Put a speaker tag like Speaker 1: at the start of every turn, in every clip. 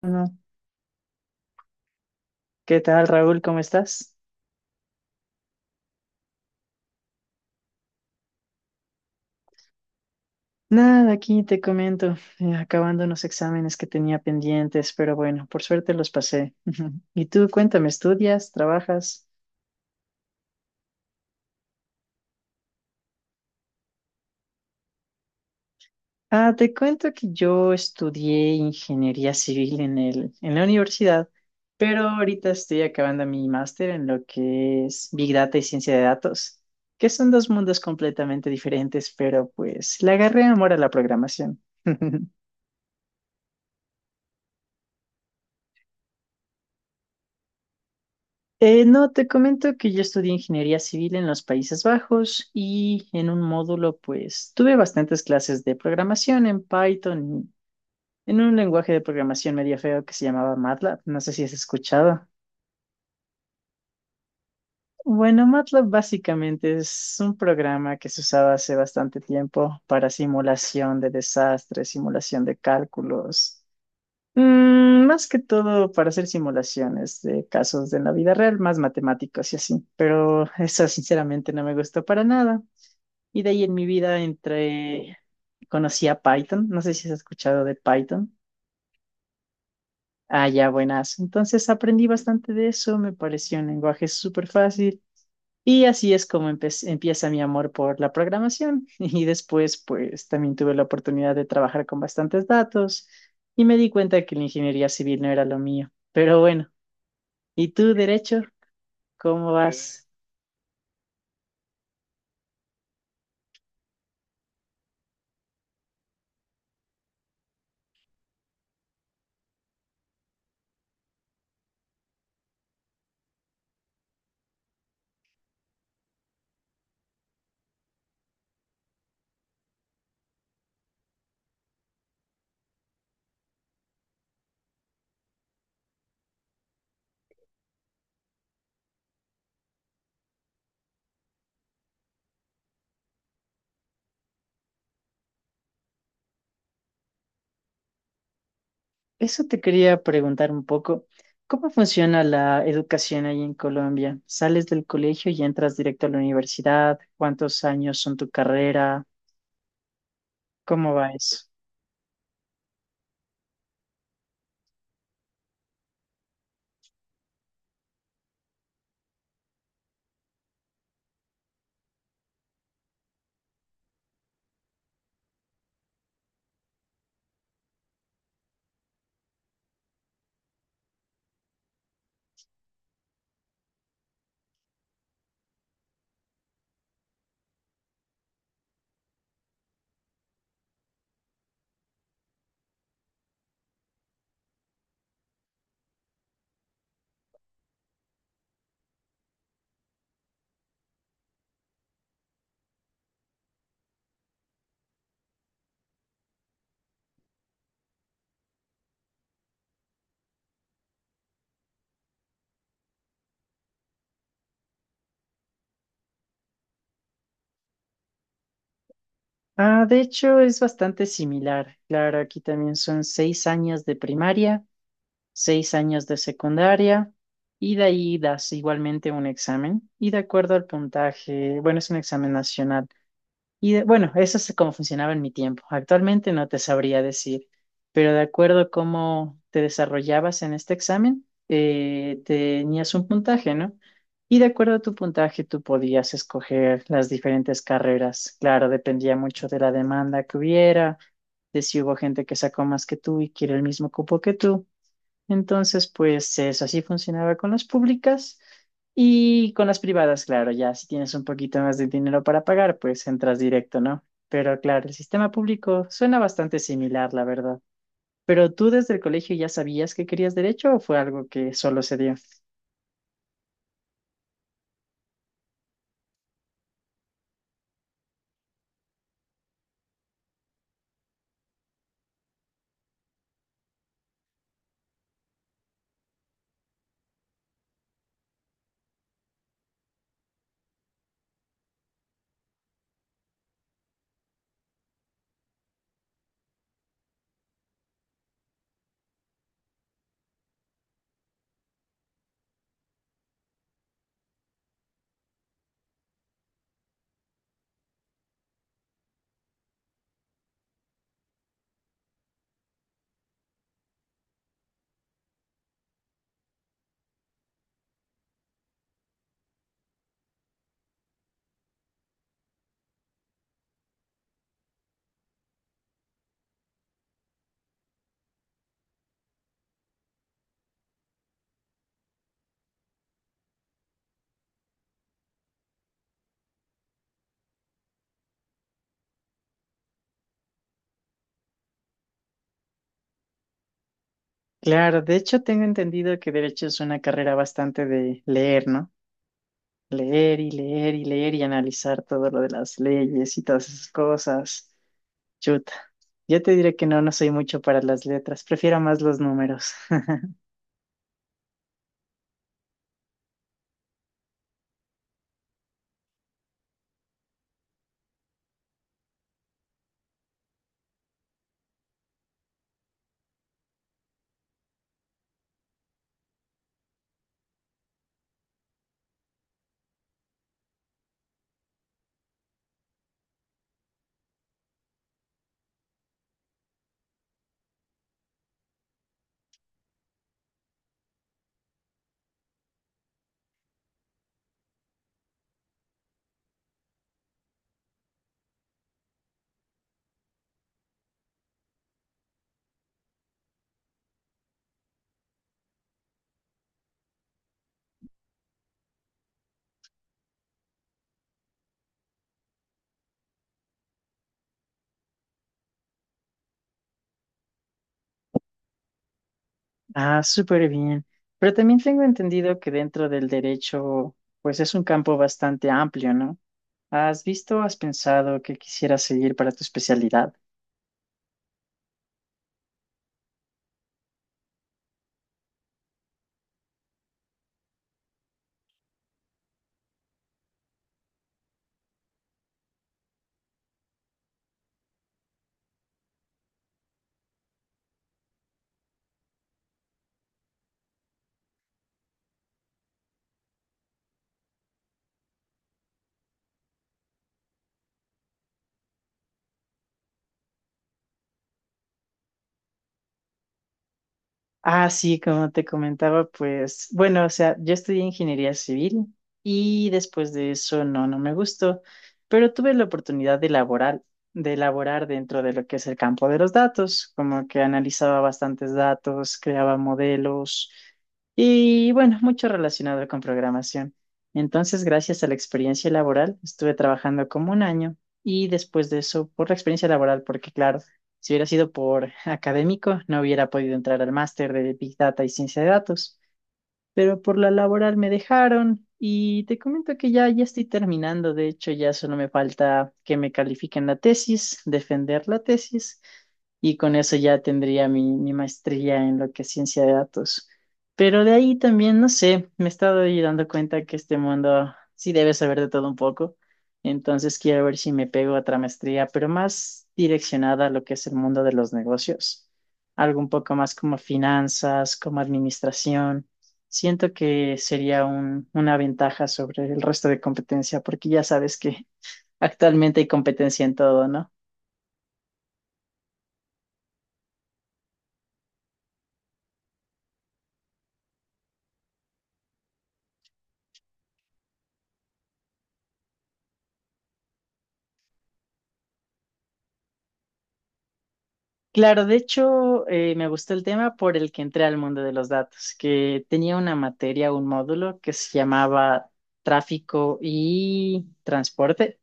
Speaker 1: Bueno, ¿qué tal, Raúl? ¿Cómo estás? Nada, aquí te comento, acabando unos exámenes que tenía pendientes, pero bueno, por suerte los pasé. Y tú, cuéntame, ¿estudias? ¿Trabajas? Ah, te cuento que yo estudié ingeniería civil en la universidad, pero ahorita estoy acabando mi máster en lo que es Big Data y ciencia de datos, que son dos mundos completamente diferentes, pero pues le agarré amor a la programación. No, te comento que yo estudié ingeniería civil en los Países Bajos y en un módulo, pues, tuve bastantes clases de programación en Python, en un lenguaje de programación medio feo que se llamaba MATLAB. No sé si has escuchado. Bueno, MATLAB básicamente es un programa que se usaba hace bastante tiempo para simulación de desastres, simulación de cálculos. Mm, más que todo para hacer simulaciones de casos de la vida real, más matemáticos y así, pero eso sinceramente no me gustó para nada. Y de ahí en mi vida entré, conocí a Python, no sé si has escuchado de Python. Ah, ya, buenas. Entonces aprendí bastante de eso, me pareció un lenguaje súper fácil y así es como empieza mi amor por la programación. Y después, pues también tuve la oportunidad de trabajar con bastantes datos y me di cuenta que la ingeniería civil no era lo mío. Pero bueno, ¿y tú, derecho? ¿Cómo vas? Eso te quería preguntar un poco. ¿Cómo funciona la educación ahí en Colombia? ¿Sales del colegio y entras directo a la universidad? ¿Cuántos años son tu carrera? ¿Cómo va eso? Ah, de hecho, es bastante similar. Claro, aquí también son 6 años de primaria, 6 años de secundaria, y de ahí das igualmente un examen. Y de acuerdo al puntaje, bueno, es un examen nacional. Bueno, eso es como funcionaba en mi tiempo. Actualmente no te sabría decir, pero de acuerdo a cómo te desarrollabas en este examen, tenías un puntaje, ¿no? Y de acuerdo a tu puntaje, tú podías escoger las diferentes carreras. Claro, dependía mucho de la demanda que hubiera, de si hubo gente que sacó más que tú y quiere el mismo cupo que tú. Entonces, pues eso así funcionaba con las públicas y con las privadas, claro, ya si tienes un poquito más de dinero para pagar, pues entras directo, ¿no? Pero claro, el sistema público suena bastante similar, la verdad. ¿Pero tú desde el colegio ya sabías que querías derecho o fue algo que solo se dio? Claro, de hecho tengo entendido que derecho es una carrera bastante de leer, ¿no? Leer y leer y leer y analizar todo lo de las leyes y todas esas cosas. Chuta. Yo te diré que no, no soy mucho para las letras, prefiero más los números. Ah, súper bien. Pero también tengo entendido que dentro del derecho, pues es un campo bastante amplio, ¿no? ¿Has visto, o has pensado que quisieras seguir para tu especialidad? Ah, sí, como te comentaba, pues bueno, o sea, yo estudié ingeniería civil y después de eso no, no me gustó, pero tuve la oportunidad de laborar, de elaborar dentro de lo que es el campo de los datos, como que analizaba bastantes datos, creaba modelos y bueno, mucho relacionado con programación. Entonces, gracias a la experiencia laboral, estuve trabajando como un año y después de eso, por la experiencia laboral, porque claro, si hubiera sido por académico, no hubiera podido entrar al máster de Big Data y Ciencia de Datos, pero por la laboral me dejaron y te comento que ya estoy terminando, de hecho ya solo me falta que me califiquen la tesis, defender la tesis y con eso ya tendría mi maestría en lo que es ciencia de datos. Pero de ahí también, no sé, me he estado ahí dando cuenta que este mundo sí debe saber de todo un poco, entonces quiero ver si me pego a otra maestría, pero más direccionada a lo que es el mundo de los negocios, algo un poco más como finanzas, como administración. Siento que sería una ventaja sobre el resto de competencia, porque ya sabes que actualmente hay competencia en todo, ¿no? Claro, de hecho, me gustó el tema por el que entré al mundo de los datos, que tenía una materia, un módulo que se llamaba tráfico y transporte,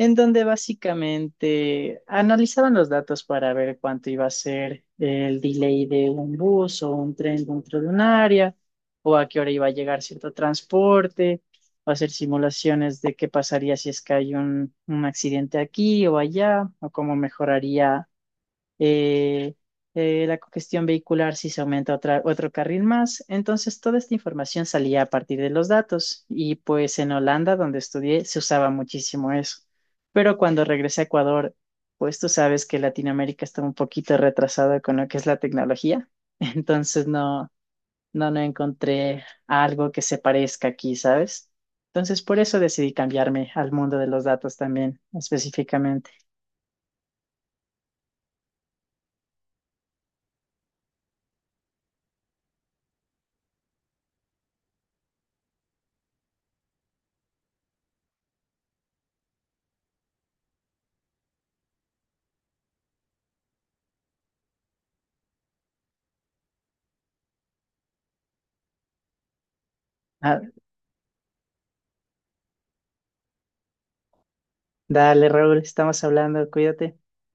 Speaker 1: en donde básicamente analizaban los datos para ver cuánto iba a ser el delay de un bus o un tren dentro de un área, o a qué hora iba a llegar cierto transporte, o hacer simulaciones de qué pasaría si es que hay un accidente aquí o allá, o cómo mejoraría eh, la cogestión vehicular si se aumenta otro carril más. Entonces, toda esta información salía a partir de los datos y pues en Holanda, donde estudié, se usaba muchísimo eso. Pero cuando regresé a Ecuador, pues tú sabes que Latinoamérica está un poquito retrasada con lo que es la tecnología. Entonces, no, no, no encontré algo que se parezca aquí, ¿sabes? Entonces, por eso decidí cambiarme al mundo de los datos también, específicamente. Ah, dale, Raúl, estamos hablando, cuídate.